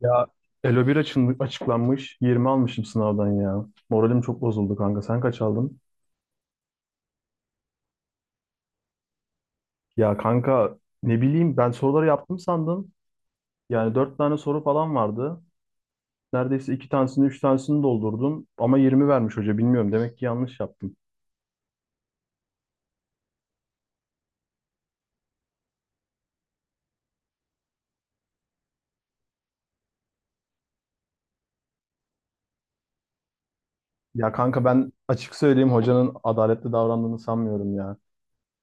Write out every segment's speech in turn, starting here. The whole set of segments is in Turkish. Ya, Elo 1 açıklanmış. 20 almışım sınavdan ya. Moralim çok bozuldu kanka. Sen kaç aldın? Ya kanka ne bileyim, ben soruları yaptım sandım. Yani 4 tane soru falan vardı. Neredeyse 2 tanesini 3 tanesini doldurdum. Ama 20 vermiş hoca, bilmiyorum. Demek ki yanlış yaptım. Ya kanka, ben açık söyleyeyim, hocanın adaletli davrandığını sanmıyorum ya.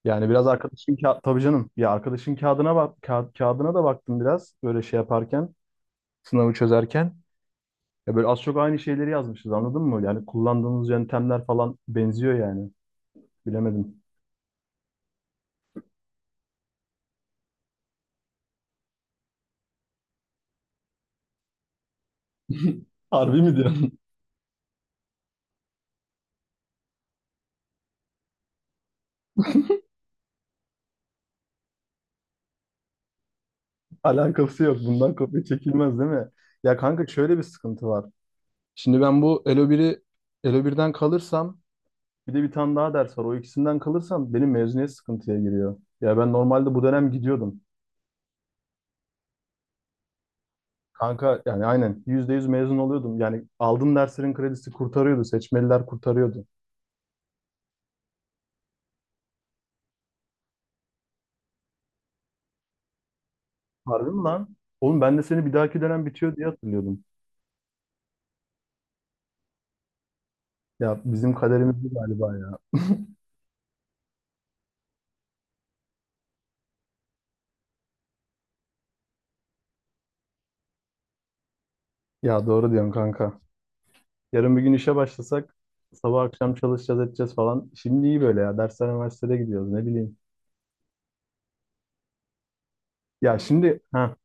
Yani biraz arkadaşın tabii canım ya, arkadaşın kağıdına bak kağıdına da baktım biraz, böyle şey yaparken, sınavı çözerken. Ya böyle az çok aynı şeyleri yazmışız, anladın mı? Yani kullandığımız yöntemler falan benziyor yani. Bilemedim. Harbi mi diyorsun? Alakası yok. Bundan kopya çekilmez değil mi? Ya kanka, şöyle bir sıkıntı var. Şimdi ben bu Elo biri, Elo birden kalırsam, bir de bir tane daha ders var. O ikisinden kalırsam benim mezuniyet sıkıntıya giriyor. Ya ben normalde bu dönem gidiyordum. Kanka yani aynen, %100 mezun oluyordum. Yani aldığım derslerin kredisi kurtarıyordu. Seçmeliler kurtarıyordu. Harbi mi lan? Oğlum, ben de seni bir dahaki dönem bitiyor diye hatırlıyordum. Ya bizim kaderimiz bu galiba ya. Ya doğru diyorsun kanka. Yarın bir gün işe başlasak, sabah akşam çalışacağız edeceğiz falan. Şimdi iyi böyle ya. Dersler, üniversitede gidiyoruz, ne bileyim. Ya şimdi ha,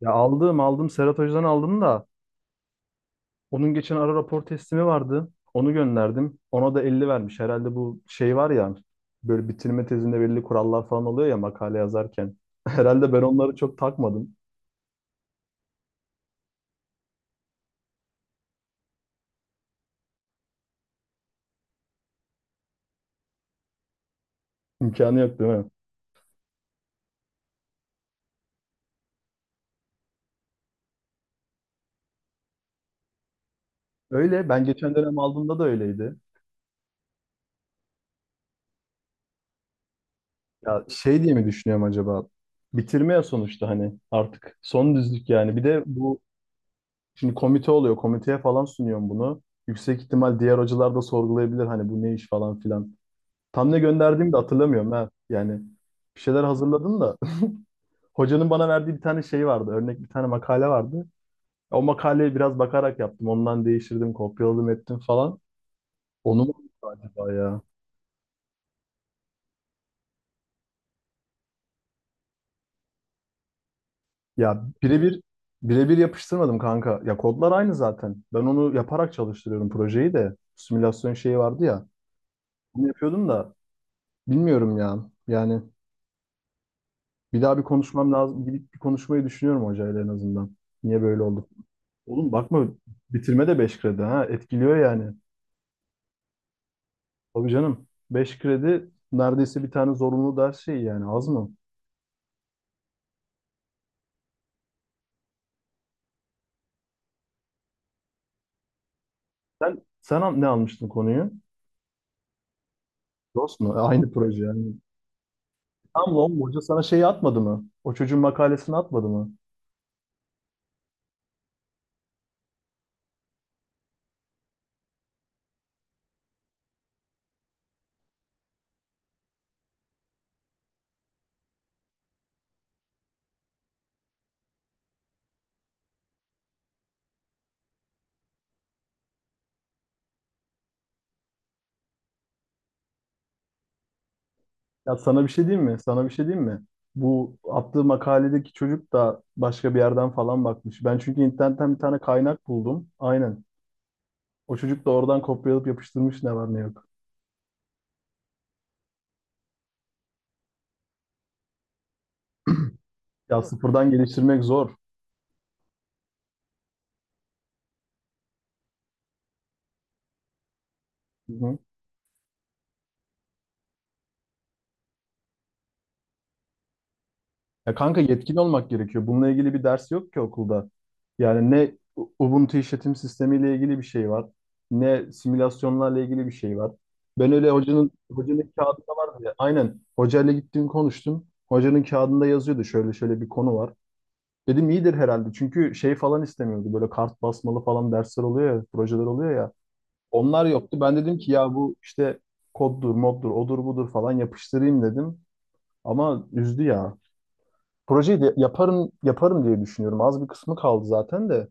ya aldım aldım, Serhat Hoca'dan aldım da onun geçen ara rapor teslimi vardı. Onu gönderdim. Ona da 50 vermiş. Herhalde bu şey var ya, böyle bitirme tezinde belli kurallar falan oluyor ya, makale yazarken. Herhalde ben onları çok takmadım. İmkanı yok değil mi? Öyle. Ben geçen dönem aldığımda da öyleydi. Ya şey diye mi düşünüyorum acaba? Bitirme ya, sonuçta hani artık son düzlük yani. Bir de bu şimdi komite oluyor. Komiteye falan sunuyorum bunu. Yüksek ihtimal diğer hocalar da sorgulayabilir hani, bu ne iş falan filan. Tam ne gönderdiğimi de hatırlamıyorum ha. Yani bir şeyler hazırladım da. Hocanın bana verdiği bir tane şey vardı. Örnek bir tane makale vardı. O makaleye biraz bakarak yaptım. Ondan değiştirdim, kopyaladım, ettim falan. Onu mu acaba ya? Ya birebir birebir yapıştırmadım kanka. Ya kodlar aynı zaten. Ben onu yaparak çalıştırıyorum projeyi de. Simülasyon şeyi vardı ya. Onu yapıyordum da, bilmiyorum ya. Yani bir daha bir konuşmam lazım. Gidip bir konuşmayı düşünüyorum hocayla en azından. Niye böyle oldu? Oğlum bakma, bitirme de 5 kredi ha. Etkiliyor yani. Tabii canım. 5 kredi neredeyse bir tane zorunlu ders şeyi, yani az mı? Sen ne almıştın konuyu? DOS mu? E, aynı proje yani. Tamam lan, hoca sana şeyi atmadı mı? O çocuğun makalesini atmadı mı? Ya sana bir şey diyeyim mi? Sana bir şey diyeyim mi? Bu attığı makaledeki çocuk da başka bir yerden falan bakmış. Ben çünkü internetten bir tane kaynak buldum. Aynen. O çocuk da oradan kopyalayıp yapıştırmış, ne var ne yok. Ya sıfırdan geliştirmek zor. Hı hı. Ya kanka, yetkin olmak gerekiyor. Bununla ilgili bir ders yok ki okulda. Yani ne Ubuntu işletim sistemiyle ilgili bir şey var. Ne simülasyonlarla ilgili bir şey var. Ben öyle, hocanın kağıdında vardı ya. Aynen. Hocayla gittim konuştum. Hocanın kağıdında yazıyordu şöyle şöyle bir konu var. Dedim iyidir herhalde. Çünkü şey falan istemiyordu. Böyle kart basmalı falan dersler oluyor ya, projeler oluyor ya. Onlar yoktu. Ben dedim ki ya bu işte koddur, moddur, odur budur falan yapıştırayım dedim. Ama üzdü ya. Projeyi de yaparım, yaparım diye düşünüyorum. Az bir kısmı kaldı zaten de.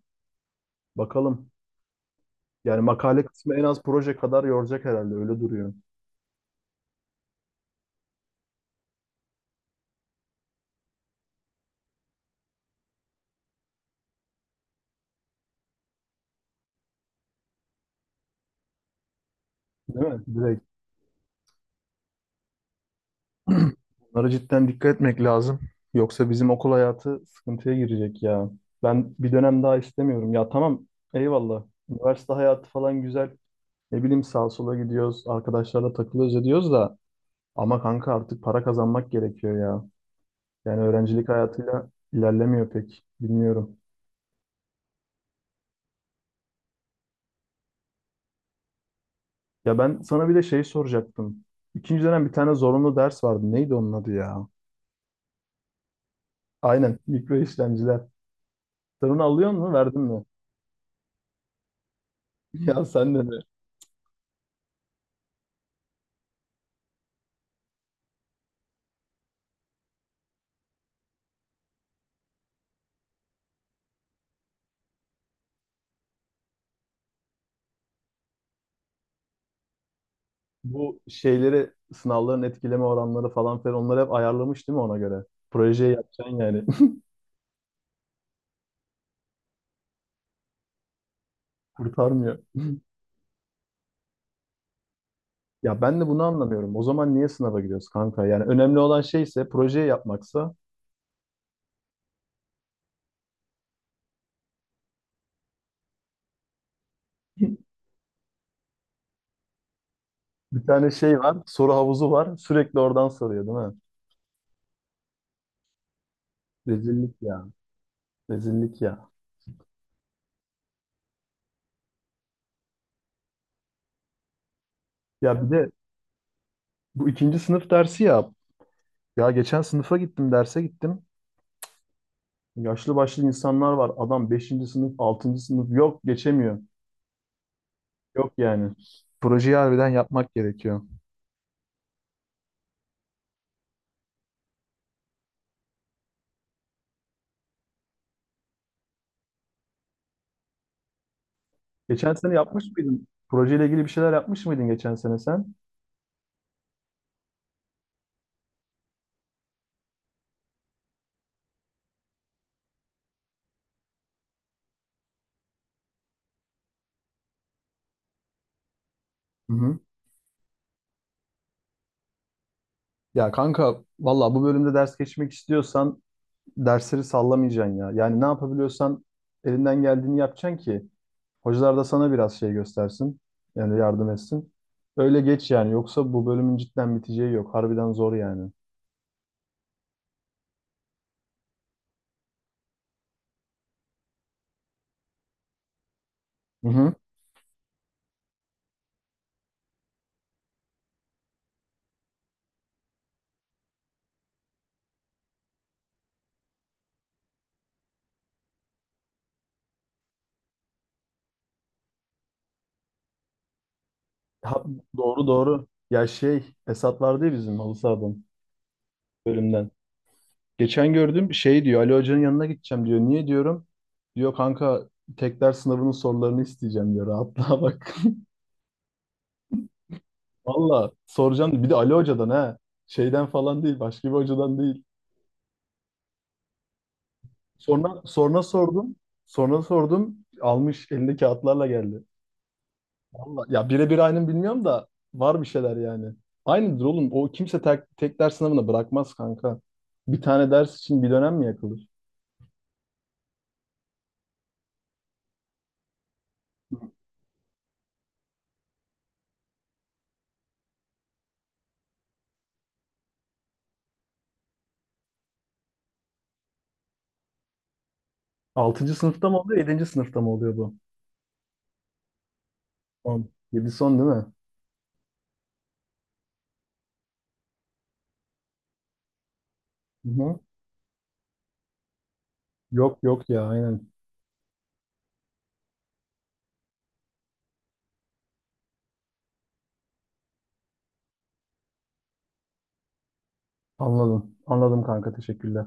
Bakalım. Yani makale kısmı en az proje kadar yoracak herhalde. Öyle duruyor. Değil mi? Direkt. Bunlara cidden dikkat etmek lazım. Yoksa bizim okul hayatı sıkıntıya girecek ya. Ben bir dönem daha istemiyorum. Ya tamam, eyvallah. Üniversite hayatı falan güzel. Ne bileyim, sağa sola gidiyoruz. Arkadaşlarla takılıyoruz ediyoruz da. Ama kanka, artık para kazanmak gerekiyor ya. Yani öğrencilik hayatıyla ilerlemiyor pek. Bilmiyorum. Ya ben sana bir de şey soracaktım. İkinci dönem bir tane zorunlu ders vardı. Neydi onun adı ya? Aynen, mikro işlemciler. Sen onu alıyor musun? Verdin mi? Ya sen de, bu şeyleri, sınavların etkileme oranları falan filan, onları hep ayarlamış değil mi ona göre? Projeyi yapacaksın yani. Kurtarmıyor. Ya ben de bunu anlamıyorum. O zaman niye sınava giriyoruz kanka? Yani önemli olan şeyse, projeyi yapmaksa. Bir tane şey var, soru havuzu var. Sürekli oradan soruyor değil mi? Rezillik ya. Rezillik ya. Ya bir de bu ikinci sınıf dersi ya. Ya geçen sınıfa gittim, derse gittim. Yaşlı başlı insanlar var. Adam beşinci sınıf, altıncı sınıf. Yok, geçemiyor. Yok yani. Projeyi harbiden yapmak gerekiyor. Geçen sene yapmış mıydın? Projeyle ilgili bir şeyler yapmış mıydın geçen sene sen? Hı hı. Ya kanka valla, bu bölümde ders geçmek istiyorsan dersleri sallamayacaksın ya. Yani ne yapabiliyorsan, elinden geldiğini yapacaksın ki hocalar da sana biraz şey göstersin. Yani yardım etsin. Öyle geç, yani yoksa bu bölümün cidden biteceği yok. Harbiden zor yani. Hı hı. Ha, doğru doğru. Ya şey, Esat vardı ya, bizim halı sahadan, bölümden. Geçen gördüm, şey diyor, Ali Hoca'nın yanına gideceğim diyor. Niye diyorum? Diyor kanka, tekrar sınavının sorularını isteyeceğim diyor. Rahatlığa bak. Valla soracağım. Bir de Ali Hoca'dan ha. Şeyden falan değil. Başka bir hocadan değil. Sonra, sonra sordum. Sonra sordum. Almış elinde kağıtlarla geldi. Ya birebir aynı mı bilmiyorum da, var bir şeyler yani. Aynıdır oğlum. O kimse tek ders sınavına bırakmaz kanka. Bir tane ders için bir dönem mi yakılır? Altıncı sınıfta mı oluyor, yedinci sınıfta mı oluyor bu? Son. Yedi son değil mi? Hı-hı. Yok yok ya aynen. Anladım. Anladım kanka, teşekkürler.